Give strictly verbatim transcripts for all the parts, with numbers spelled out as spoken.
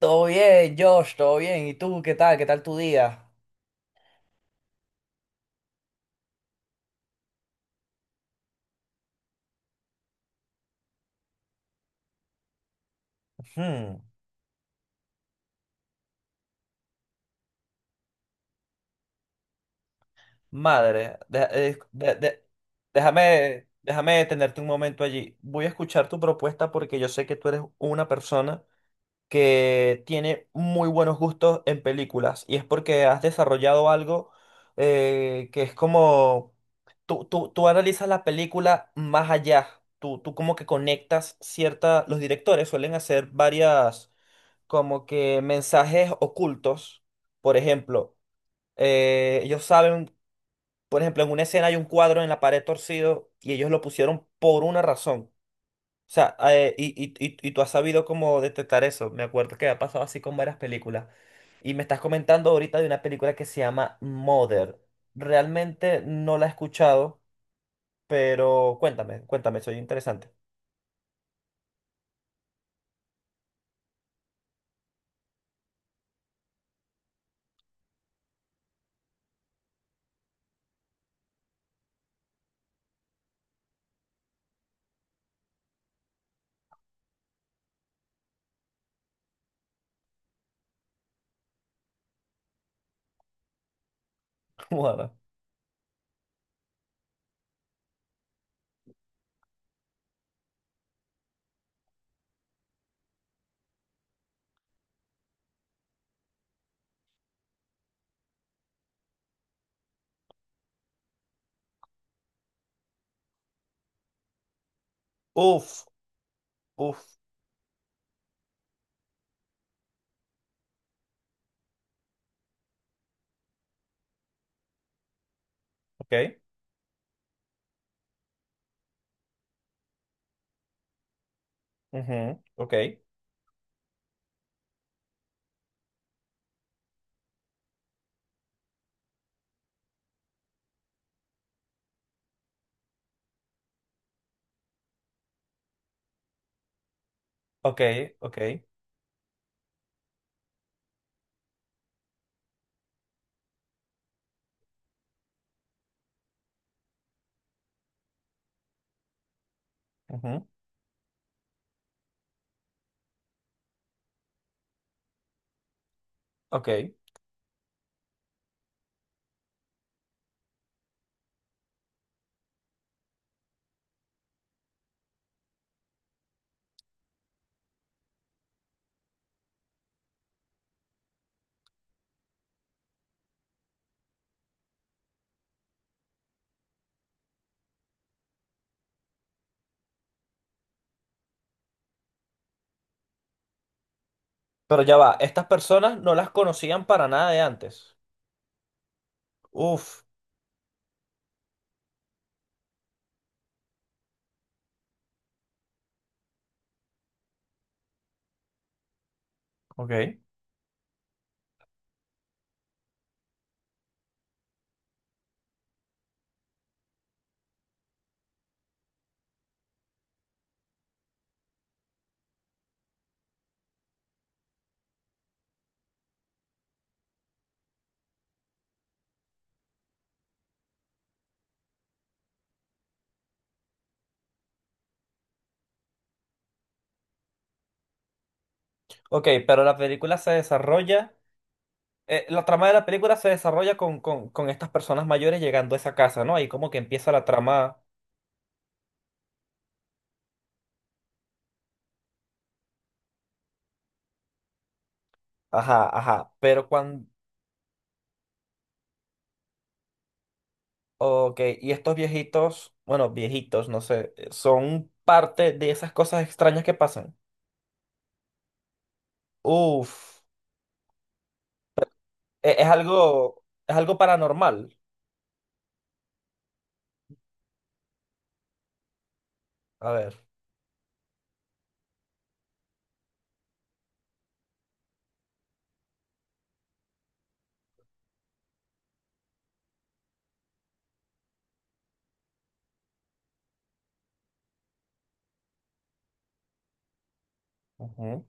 Todo bien, Josh, todo bien. ¿Y tú qué tal? ¿Qué tal tu día? Ujú, Madre, deja- eh, de- de- déjame, déjame detenerte un momento allí. Voy a escuchar tu propuesta porque yo sé que tú eres una persona que tiene muy buenos gustos en películas y es porque has desarrollado algo eh, que es como tú, tú, tú analizas la película más allá. Tú, tú como que conectas cierta, los directores suelen hacer varias como que mensajes ocultos. Por ejemplo, eh, ellos saben, por ejemplo, en una escena hay un cuadro en la pared torcido y ellos lo pusieron por una razón. O sea, eh, y, y, y, y tú has sabido cómo detectar eso. Me acuerdo que ha pasado así con varias películas. Y me estás comentando ahorita de una película que se llama Mother. Realmente no la he escuchado, pero cuéntame, cuéntame, soy interesante. Mother. Uf, uf, ok, ujú, ok, ok, ok. Ujú. Ok. Pero ya va, estas personas no las conocían para nada de antes. Uf, ok. Ok, pero la película se desarrolla, eh, la trama de la película se desarrolla con, con, con estas personas mayores llegando a esa casa, ¿no? Ahí como que empieza la trama, ajá, ajá, pero cuando, ok, y estos viejitos, bueno, viejitos, no sé, eh, son parte de esas cosas extrañas que pasan. Uf, e- es, algo, es algo paranormal. A ver, ujú,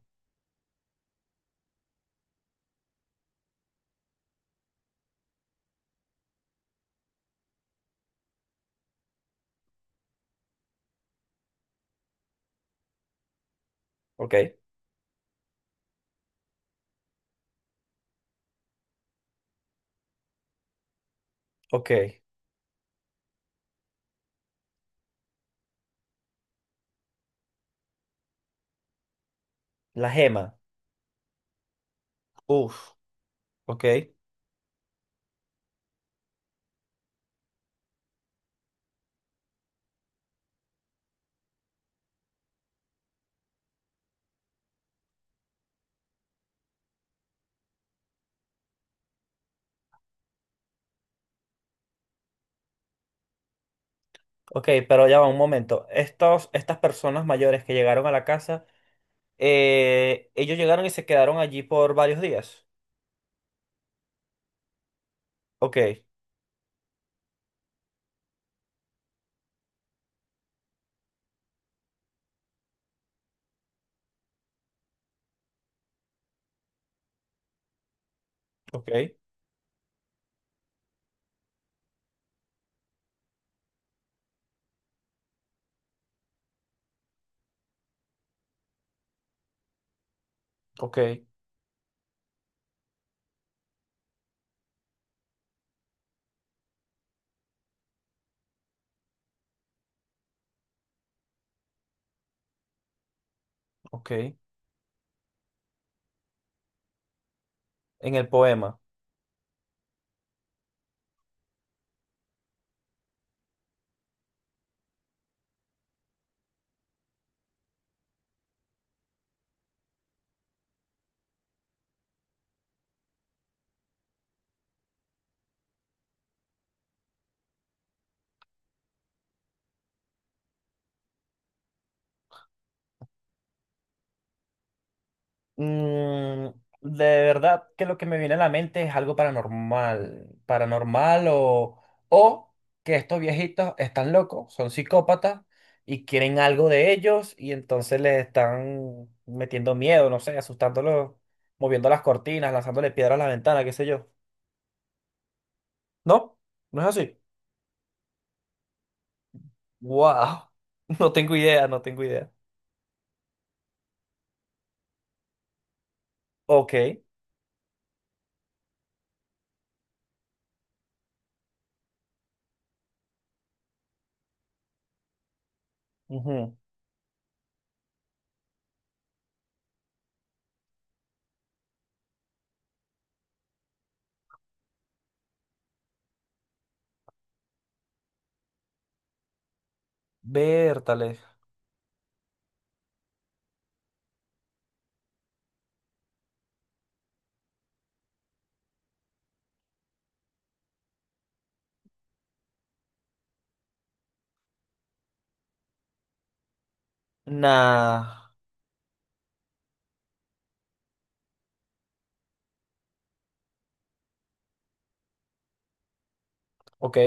ok, ok, la gema, uf. Ok, ok, pero ya va un momento. Estos, estas personas mayores que llegaron a la casa, eh, ellos llegaron y se quedaron allí por varios días. Ok, ok, ok, ok. En el poema. Mm, de verdad que lo que me viene a la mente es algo paranormal, paranormal o, o que estos viejitos están locos, son psicópatas y quieren algo de ellos y entonces les están metiendo miedo, no sé, asustándolos, moviendo las cortinas, lanzándole piedras a la ventana, qué sé yo. ¿No? ¿No es así? Wow, no tengo idea, no tengo idea. Ok. Ujú. Bertale. Nah. Ok.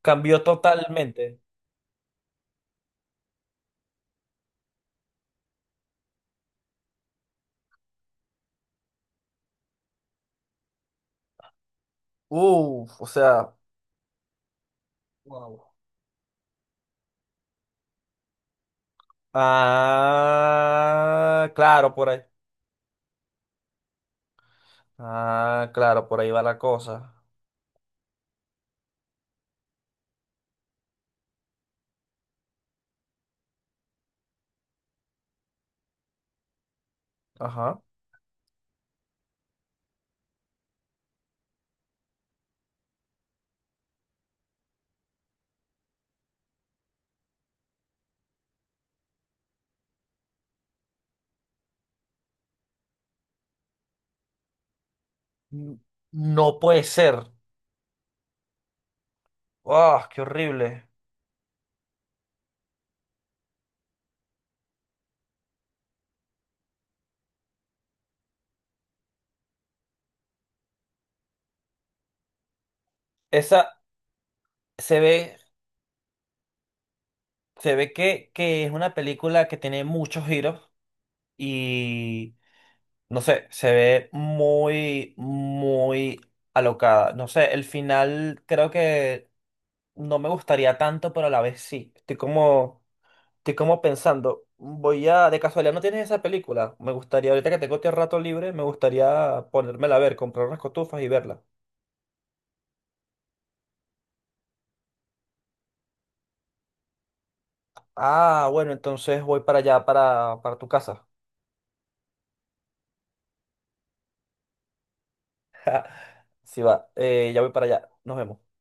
Cambió totalmente. Uf, o sea. Wow. Ah, claro, por ahí. Ah, claro, por ahí va la cosa. Ajá. N- No puede ser. Ah, qué horrible. Esa se ve, se ve que, que es una película que tiene muchos giros y no sé, se ve muy, muy alocada. No sé, el final creo que no me gustaría tanto, pero a la vez sí. Estoy como. Estoy como pensando, voy a, de casualidad, ¿no tienes esa película? Me gustaría, ahorita que tengo este rato libre, me gustaría ponérmela a ver, comprar unas cotufas y verla. Ah, bueno, entonces voy para allá, para, para tu casa. Si va, eh, ya voy para allá. Nos vemos.